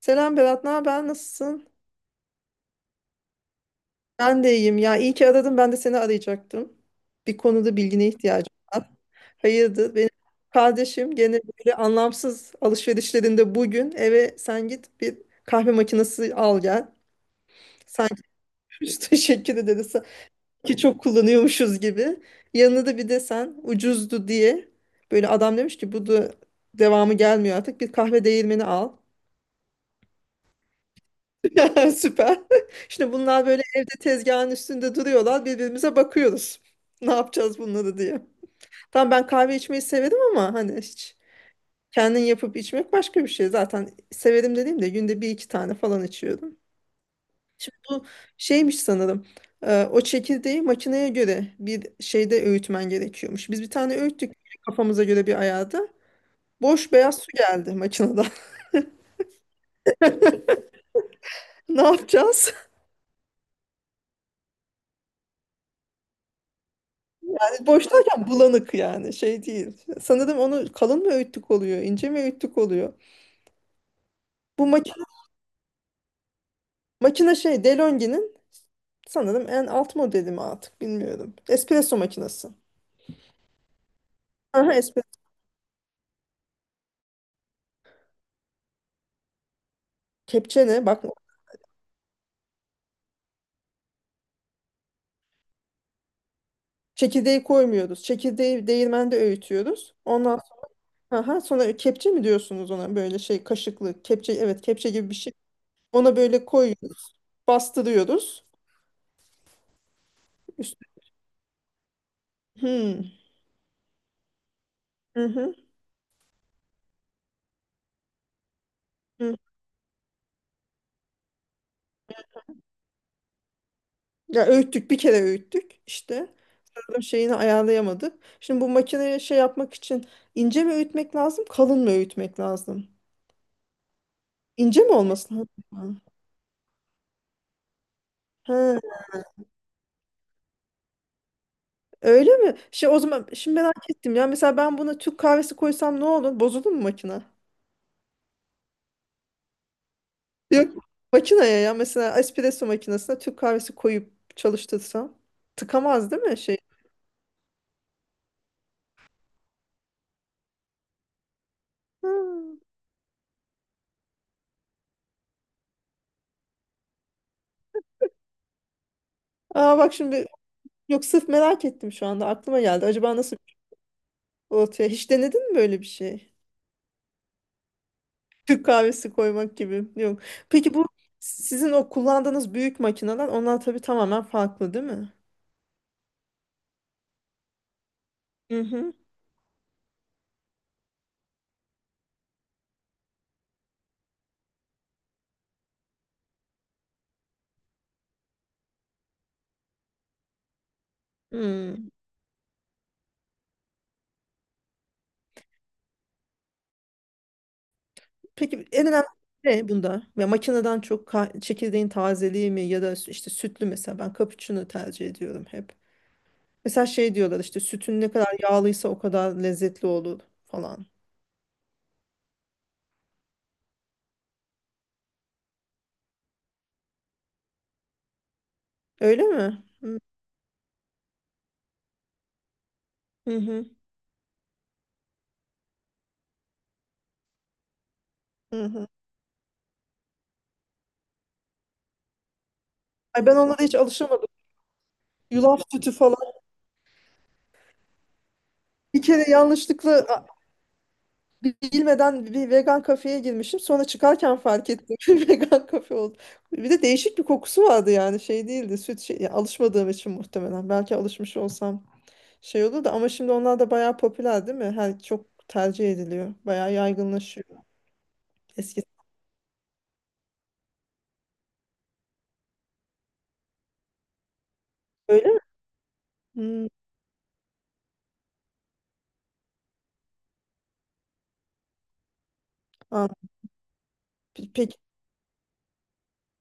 Selam Berat, ne haber? Nasılsın? Ben de iyiyim. Ya iyi ki aradın. Ben de seni arayacaktım. Bir konuda bilgine ihtiyacım var. Hayırdır? Benim kardeşim gene böyle anlamsız alışverişlerinde bugün eve sen git bir kahve makinesi al gel. Sanki üç teşekkür ederiz ki çok kullanıyormuşuz gibi. Yanına da bir de sen ucuzdu diye böyle adam demiş ki bu da devamı gelmiyor artık bir kahve değirmeni al. Süper. Şimdi bunlar böyle evde tezgahın üstünde duruyorlar. Birbirimize bakıyoruz. Ne yapacağız bunları diye. Tamam ben kahve içmeyi severim ama hani hiç kendin yapıp içmek başka bir şey. Zaten severim dediğim de günde bir iki tane falan içiyorum. Şimdi bu şeymiş sanırım. O çekirdeği makineye göre bir şeyde öğütmen gerekiyormuş. Biz bir tane öğüttük kafamıza göre bir ayarda. Boş beyaz su geldi makineden. Ne yapacağız? Boşlarken bulanık, yani şey değil. Sanırım onu kalın mı öğüttük oluyor, ince mi öğüttük oluyor. Bu makine şey DeLonghi'nin sanırım en alt modeli mi, artık bilmiyorum. Espresso makinesi. Aha, espresso. Kepçe ne? Bak, çekirdeği koymuyoruz. Çekirdeği değirmende öğütüyoruz. Ondan aha, sonra kepçe mi diyorsunuz ona, böyle şey kaşıklı kepçe, evet kepçe gibi bir şey. Ona böyle koyuyoruz. Bastırıyoruz. Üst- Hmm. Hı hı. Hı. Ya öğüttük, bir kere öğüttük işte. Tam şeyini ayarlayamadık. Şimdi bu makineye şey yapmak için ince mi öğütmek lazım, kalın mı öğütmek lazım? İnce mi olması lazım? Ha, öyle mi? Şey, o zaman şimdi merak ettim ya. Mesela ben buna Türk kahvesi koysam ne olur? Bozulur mu makine? Yok. Makineye, ya mesela espresso makinesine Türk kahvesi koyup çalıştırsam tıkamaz değil mi şey? Ha. Aa bak şimdi, yok sırf merak ettim, şu anda aklıma geldi. Acaba nasıl ortaya, hiç denedin mi böyle bir şey? Türk kahvesi koymak gibi. Yok. Peki bu sizin o kullandığınız büyük makineler, onlar tabii tamamen farklı değil mi? Hı hı. Hmm. Peki en önemli ne bunda? Ya makineden çok çekirdeğin tazeliği mi, ya da işte sütlü, mesela ben cappuccino tercih ediyorum hep. Mesela şey diyorlar işte, sütün ne kadar yağlıysa o kadar lezzetli olur falan. Öyle mi? Hı hı. Hı hı. Ay, ben onlara hiç alışamadım. Yulaf sütü falan. Bir kere yanlışlıkla bilmeden bir vegan kafeye girmişim. Sonra çıkarken fark ettim. Bir vegan kafe oldu. Bir de değişik bir kokusu vardı yani. Şey değildi. Süt şey, ya alışmadığım için muhtemelen. Belki alışmış olsam şey olur da. Ama şimdi onlar da bayağı popüler değil mi? Her çok tercih ediliyor. Bayağı yaygınlaşıyor. Eskisi öyle mi? Hmm, anladım. Peki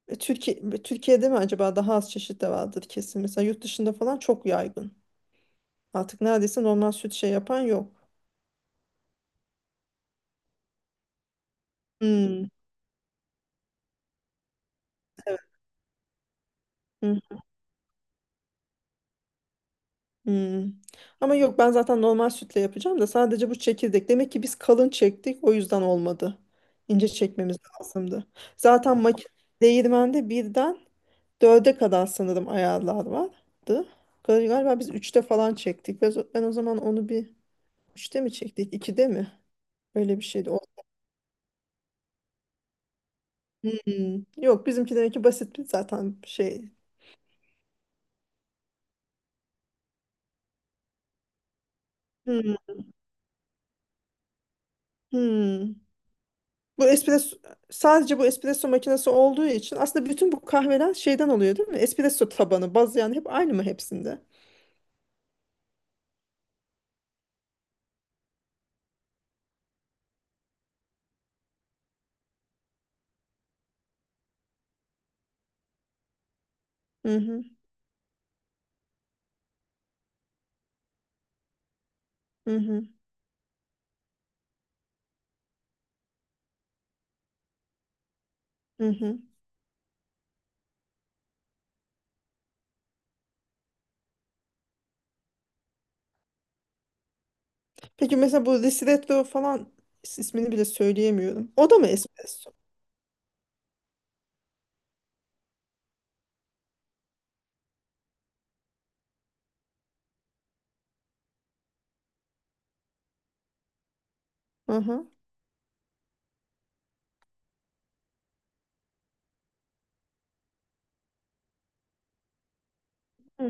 Türkiye'de mi acaba daha az çeşit de vardır kesin. Mesela yurt dışında falan çok yaygın. Artık neredeyse normal süt şey yapan yok. Hmm. Evet. Hı. Hmm. Ama yok, ben zaten normal sütle yapacağım da sadece bu çekirdek. Demek ki biz kalın çektik, o yüzden olmadı. İnce çekmemiz lazımdı. Zaten makine değirmende birden dörde kadar sanırım ayarlar vardı. Galiba biz üçte falan çektik. Ben o zaman onu bir üçte mi çektik, ikide mi? Öyle bir şeydi. O... Hmm. Yok bizimki demek ki basit bir zaten şey. Hmm. Hmm. Bu espresso Sadece bu espresso makinesi olduğu için aslında bütün bu kahveler şeyden oluyor değil mi? Espresso tabanı, baz yani hep aynı mı hepsinde? Hı hı, hı hı, hı hı. Peki mesela bu ristretto falan, ismini bile söyleyemiyorum. O da mı espresso? Hı hı. Hı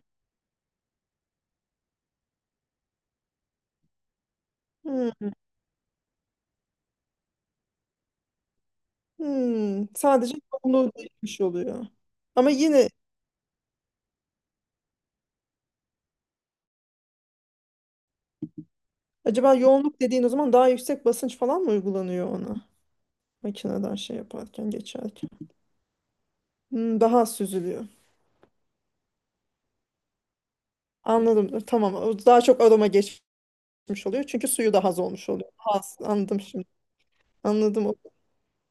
hı. Hmm, sadece yoğunluğu değişmiş oluyor. Ama yine acaba yoğunluk dediğin, o zaman daha yüksek basınç falan mı uygulanıyor ona? Makineden şey yaparken, geçerken. Hmm, daha az süzülüyor. Anladım. Tamam. O daha çok aroma gitmiş oluyor. Çünkü suyu daha az olmuş oluyor. Az, anladım şimdi. Anladım. O,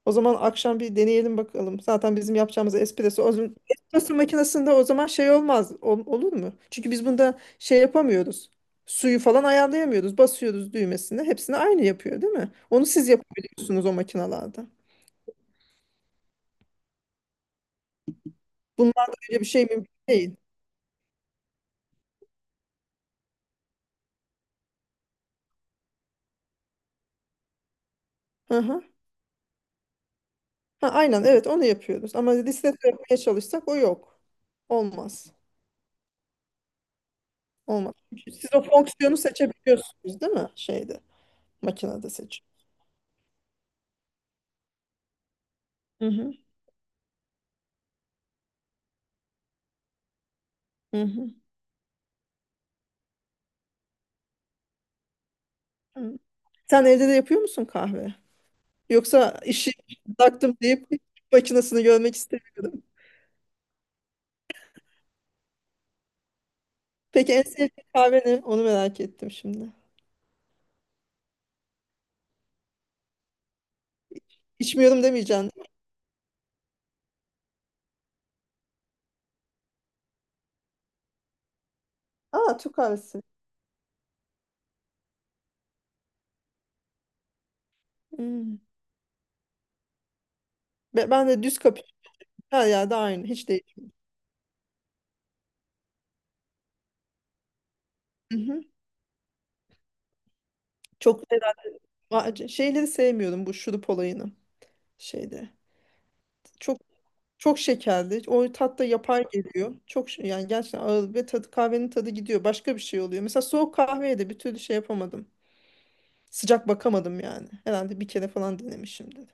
o zaman akşam bir deneyelim bakalım. Zaten bizim yapacağımız espresso. O zaman espresso makinesinde o zaman şey olmaz. Olur mu? Çünkü biz bunda şey yapamıyoruz. Suyu falan ayarlayamıyoruz. Basıyoruz düğmesine. Hepsini aynı yapıyor, değil mi? Onu siz yapabiliyorsunuz o makinalarda. Bunlarda öyle bir şey mümkün değil. Hı hı. Ha, aynen evet, onu yapıyoruz. Ama listede yapmaya çalışsak o yok. Olmaz. Olmaz. Çünkü siz o fonksiyonu seçebiliyorsunuz değil mi? Şeyde, makinede seç. Hı hı. Hı hı. Hı. Sen evde de yapıyor musun kahve? Yoksa işi bıraktım deyip makinesini görmek istemiyorum. Peki en sevdiğin kahve ne? Onu merak ettim şimdi. İçmiyorum demeyeceksin değil mi? Aa, Türk kahvesi. Hmm. Ben de düz kapıyorum. Her yerde aynı. Hiç değil. Hı hı. Çok. Aa, şeyleri sevmiyorum, bu şurup olayını şeyde. Çok, çok şekerli. O tat da yapay geliyor. Çok yani gerçekten ağır ve kahvenin tadı gidiyor. Başka bir şey oluyor. Mesela soğuk kahveye de bir türlü şey yapamadım. Sıcak bakamadım yani. Herhalde bir kere falan denemişimdir.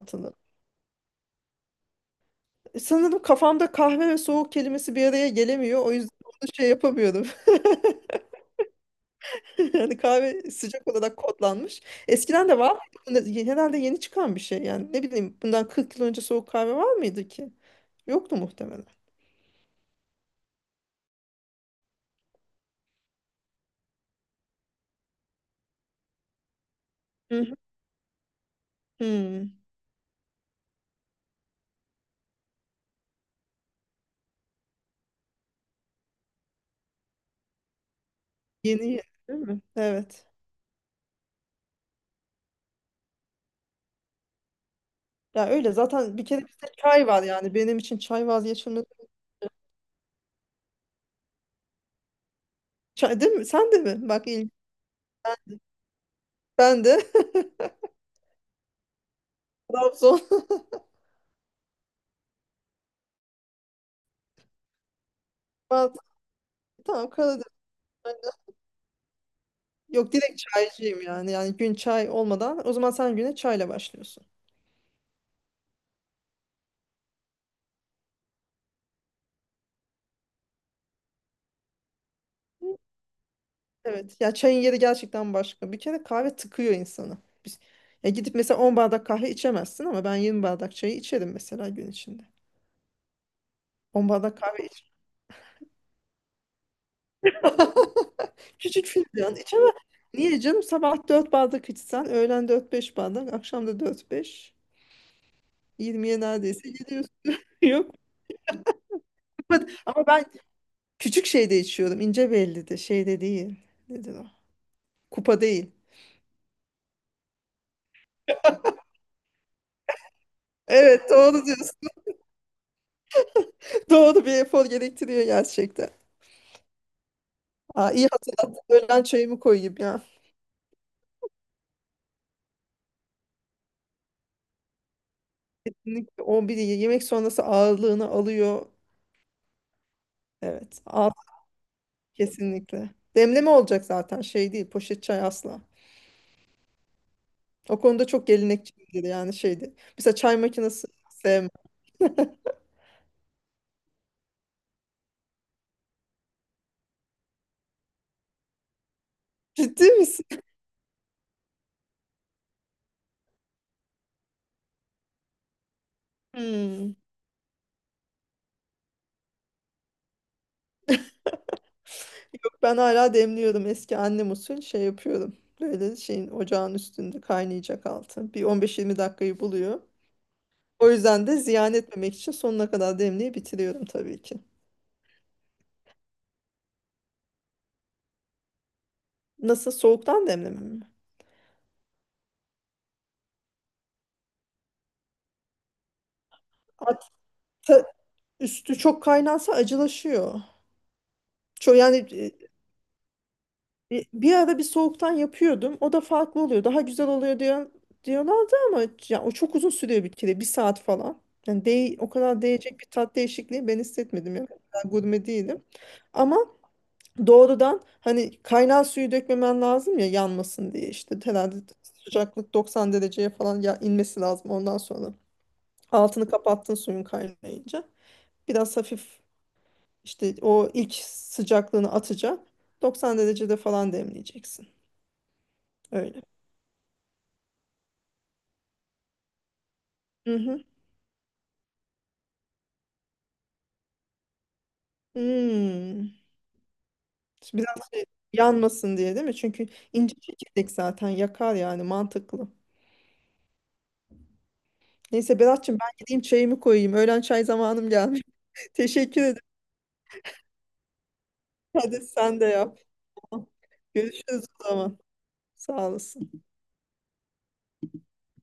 Hatırladım. Sanırım kafamda kahve ve soğuk kelimesi bir araya gelemiyor. O yüzden onu şey yapamıyorum. Yani kahve sıcak olarak kodlanmış. Eskiden de var mıydı? Herhalde yeni çıkan bir şey. Yani ne bileyim, bundan 40 yıl önce soğuk kahve var mıydı ki? Yoktu muhtemelen. Hı hı. Hmm. Yeni yeni değil mi? Evet. Ya öyle zaten, bir kere bizde çay var yani, benim için çay vazgeçilmez. Çay değil mi? Sen de mi? Bak, ilginç. Ben de. Trabzon. Mantı. Tamam, Karadeniz. Yok, direkt çaycıyım yani. Yani gün çay olmadan, o zaman sen güne çayla başlıyorsun. Evet. Ya çayın yeri gerçekten başka. Bir kere kahve tıkıyor insanı. Biz, ya gidip mesela 10 bardak kahve içemezsin, ama ben 20 bardak çayı içerim mesela gün içinde. On bardak kahve içerim. Küçük fincan iç ama, niye canım, sabah 4 bardak içsen, öğlen dört beş bardak, akşam da dört beş, 20'ye neredeyse gidiyorsun. Yok, ama ben küçük şeyde içiyorum, ince belli, de şeyde değil. Nedir o? Kupa değil. Evet, doğru diyorsun. Doğru, bir efor gerektiriyor gerçekten. Aa, iyi hatırlattın. Öğlen çayımı koyayım ya. Kesinlikle on biri yemek sonrası ağırlığını alıyor. Evet, ağır kesinlikle. Demleme olacak zaten, şey değil poşet çay, asla. O konuda çok gelenekçiydi yani, şeydi, mesela çay makinesi sevmem. Ciddi misin? Hmm. Yok, ben hala demliyorum. Eski annem usul şey yapıyorum. Böyle şeyin ocağın üstünde kaynayacak altı. Bir 15-20 dakikayı buluyor. O yüzden de ziyan etmemek için sonuna kadar demliği bitiriyorum tabii ki. Nasıl, soğuktan demlemem mi? Hatta üstü çok kaynansa acılaşıyor. Çok yani Bir ara bir soğuktan yapıyordum. O da farklı oluyor. Daha güzel oluyor diyorlardı ama, ya, o çok uzun sürüyor bir kere. Bir saat falan. Yani o kadar değecek bir tat değişikliği ben hissetmedim. Yani ben gurme değilim. Ama doğrudan hani kaynar suyu dökmemen lazım ya, yanmasın diye işte. Herhalde sıcaklık 90 dereceye falan ya inmesi lazım ondan sonra. Altını kapattın suyun kaynayınca. Biraz hafif işte o ilk sıcaklığını atacak. 90 derecede falan demleyeceksin. Öyle. Mhm. Hmm. Biraz şey, yanmasın diye değil mi? Çünkü ince çekirdek zaten yakar yani, mantıklı. Neyse Berat'cığım, ben gideyim çayımı koyayım. Öğlen çay zamanım gelmiş. Teşekkür ederim. Hadi sen de yap. Tamam. Görüşürüz o zaman. Sağ olasın.